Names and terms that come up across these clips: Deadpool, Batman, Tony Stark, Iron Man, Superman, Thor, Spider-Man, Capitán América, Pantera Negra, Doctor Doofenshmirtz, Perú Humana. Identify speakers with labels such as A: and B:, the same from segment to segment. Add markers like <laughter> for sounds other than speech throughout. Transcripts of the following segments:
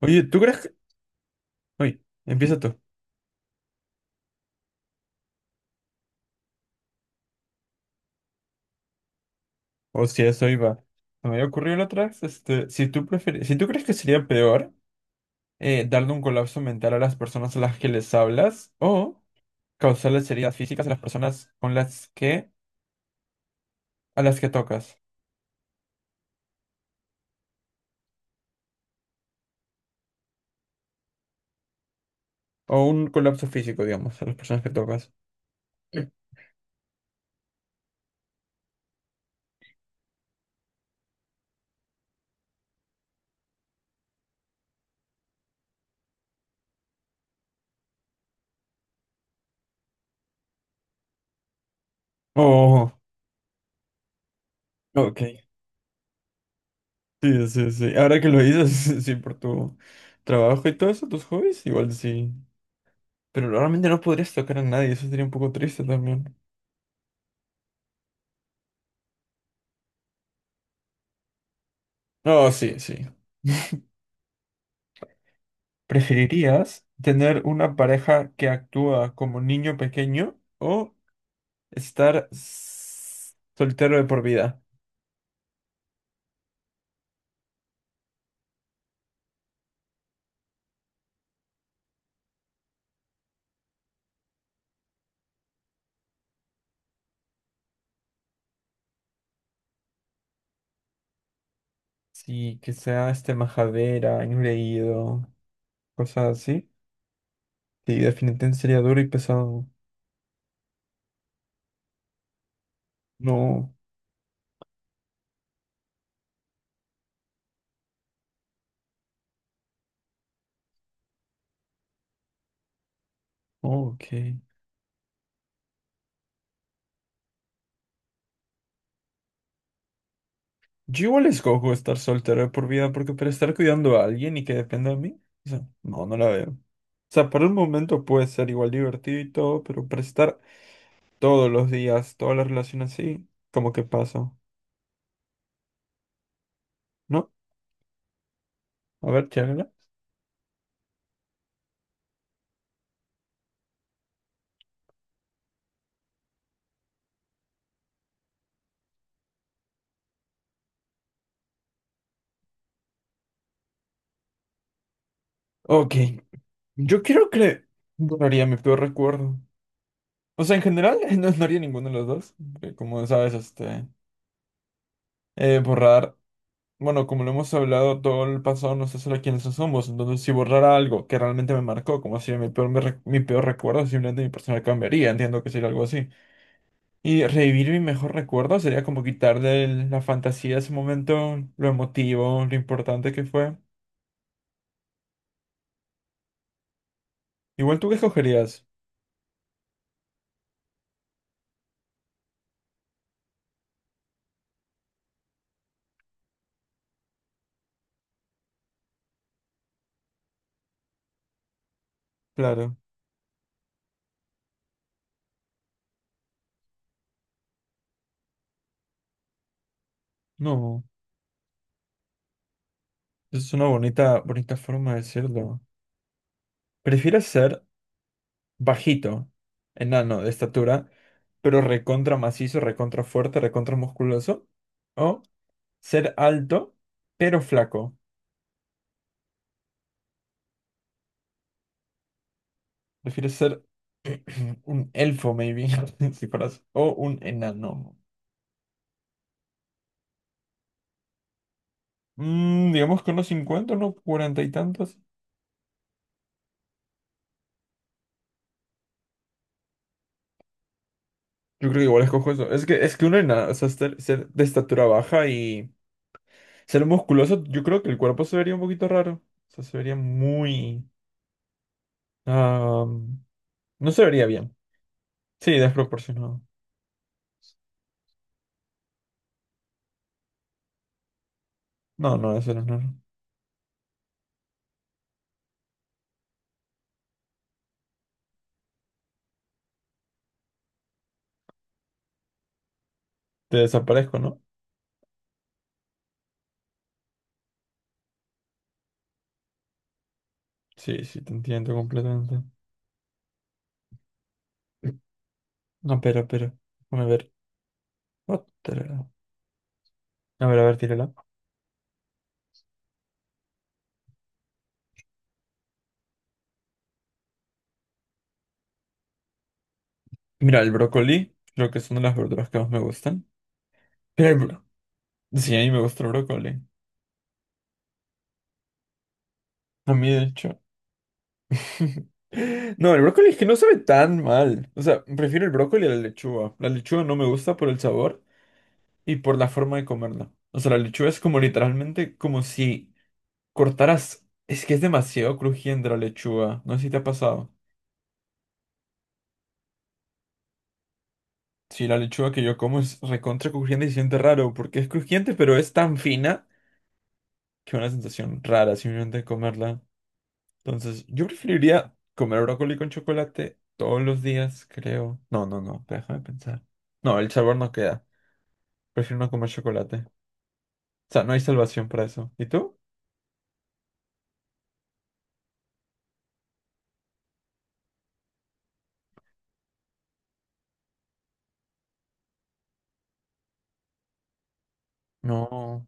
A: Oye, ¿tú crees que... Oye, empieza tú. O si a eso iba. Se me había ocurrido la otra vez, si tú prefieres, si tú crees que sería peor, darle un colapso mental a las personas a las que les hablas o causarles heridas físicas a las personas con las que, a las que tocas. O un colapso físico, digamos, a las personas que tocas. Oh, ok. Sí, sí, sí. Ahora que lo dices, <laughs> sí, por tu trabajo y todo eso, tus hobbies, igual sí. Pero realmente no podrías tocar a nadie, eso sería un poco triste también. No, sí, sí. ¿Preferirías tener una pareja que actúa como niño pequeño o estar soltero de por vida? Sí, que sea majadera, engreído, cosas así. Sí, definitivamente sería duro y pesado. No, ok. Yo igual escojo estar soltero de por vida porque para estar cuidando a alguien y que dependa de mí, o sea, no, no la veo. O sea, por un momento puede ser igual divertido y todo, pero para estar todos los días, toda la relación así, como que pasa. ¿No? A ver, charla. Ok. Yo quiero que borraría mi peor recuerdo. O sea, en general, <laughs> no, no haría ninguno de los dos, porque como sabes. Borrar. Bueno, como lo hemos hablado, todo el pasado nos hace lo quienes somos. Entonces, si borrara algo que realmente me marcó, como si mi peor, mi peor recuerdo, simplemente mi persona cambiaría. Entiendo que sería algo así. Y revivir mi mejor recuerdo sería como quitarle la fantasía de ese momento, lo emotivo, lo importante que fue. Igual tú qué escogerías. Claro. No. Es una bonita, bonita forma de decirlo. ¿Prefieres ser bajito, enano de estatura, pero recontra macizo, recontra fuerte, recontra musculoso? ¿O ser alto, pero flaco? ¿Prefieres ser <clears throat> un elfo, maybe? <laughs> Si fueras, o un enano. Digamos que unos cincuenta, unos cuarenta y tantos. Yo creo que igual escojo eso. Es que uno enano, o sea, ser de estatura baja y ser musculoso, yo creo que el cuerpo se vería un poquito raro. O sea, se vería muy... Ah, no se vería bien. Sí, desproporcionado. No, no, eso no es normal. Te desaparezco, ¿no? Sí, sí, te entiendo completamente. No, pero. Déjame ver. Otra. A ver, tírala. Mira, el brócoli, creo que es una de las verduras que más me gustan. Pero el bro- Sí, a mí me gusta el brócoli. A mí, de hecho. <laughs> No, el brócoli es que no sabe tan mal. O sea, prefiero el brócoli a la lechuga. La lechuga no me gusta por el sabor y por la forma de comerla. O sea, la lechuga es como literalmente como si cortarás. Es que es demasiado crujiente la lechuga. No sé si te ha pasado. Sí, la lechuga que yo como es recontra crujiente y se siente raro, porque es crujiente, pero es tan fina que una sensación rara simplemente comerla. Entonces, yo preferiría comer brócoli con chocolate todos los días, creo. No, no, no, déjame pensar. No, el sabor no queda. Prefiero no comer chocolate. O sea, no hay salvación para eso. ¿Y tú? No.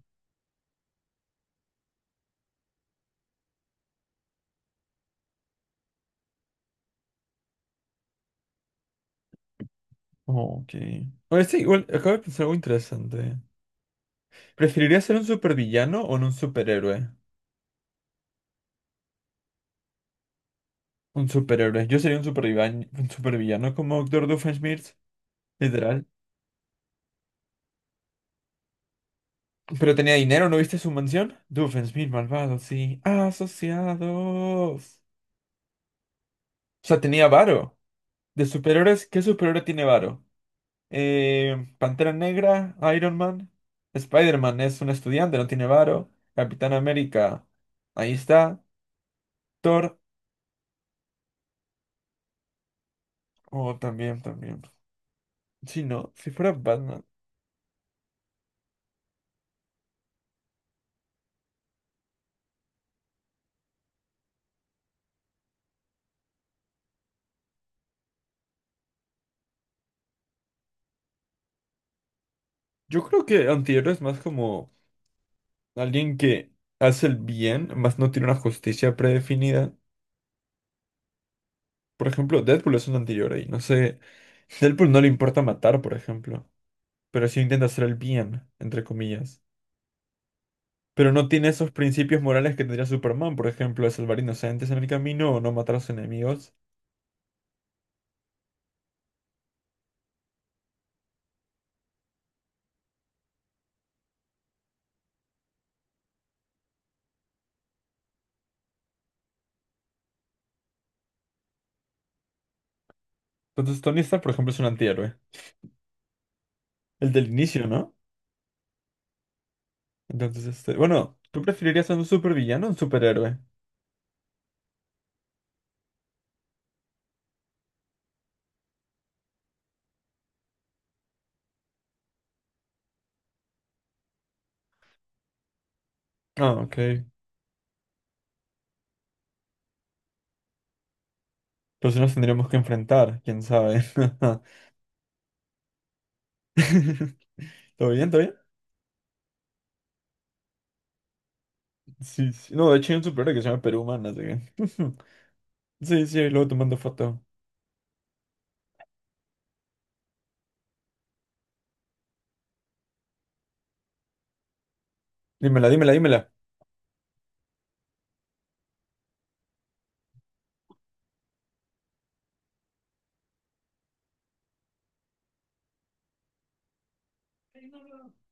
A: Ok. Oye, sí, igual, acabo de pensar algo interesante. ¿Preferirías ser un supervillano o no un superhéroe? Un superhéroe. Yo sería un supervillano como Doctor Doofenshmirtz, literal. Pero tenía dinero, ¿no viste su mansión? Doofenshmirtz, malvado, sí. Asociados. O sea, tenía varo. De superhéroes, ¿qué superhéroe tiene varo? Pantera Negra, Iron Man. Spider-Man es un estudiante, no tiene varo. Capitán América, ahí está. Thor, oh, también, también. Sí, no, si fuera Batman. Yo creo que antihéroe es más como... Alguien que hace el bien, más no tiene una justicia predefinida. Por ejemplo, Deadpool es un anterior ahí. No sé. Deadpool no le importa matar, por ejemplo. Pero sí intenta hacer el bien, entre comillas. Pero no tiene esos principios morales que tendría Superman, por ejemplo, de salvar inocentes en el camino o no matar a sus enemigos. Entonces, Tony Stark, por ejemplo, es un antihéroe. El del inicio, ¿no? Entonces, este. Bueno, ¿tú preferirías a un supervillano o un superhéroe? Ah, ok. Entonces nos tendríamos que enfrentar, quién sabe. <laughs> ¿Todo bien, todo bien? Sí, sí. No, de hecho hay un superhéroe que se llama Perú Humana, así que- <laughs> Sí, sí, ahí luego te mando foto. Dímela, dímela, dímela.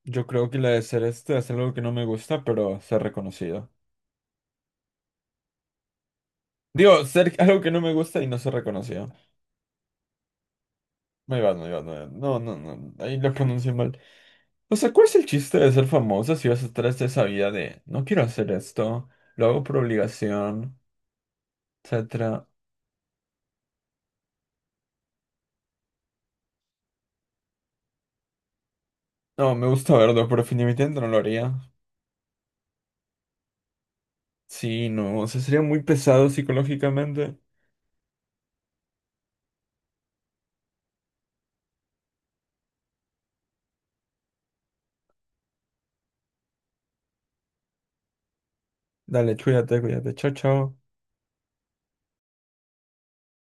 A: Yo creo que la de ser este hacer algo que no me gusta, pero ser reconocido. Digo, ser algo que no me gusta y no ser reconocido. Me va, me va, me va. No, no, no. Ahí lo pronuncié mal. O sea, ¿cuál es el chiste de ser famoso si vas a estar hasta esa vida de no quiero hacer esto, lo hago por obligación, etcétera? No, me gusta verlo, pero definitivamente no lo haría. Sí, no. O sea, sería muy pesado psicológicamente. Dale, cuídate, cuídate. Chao, chao.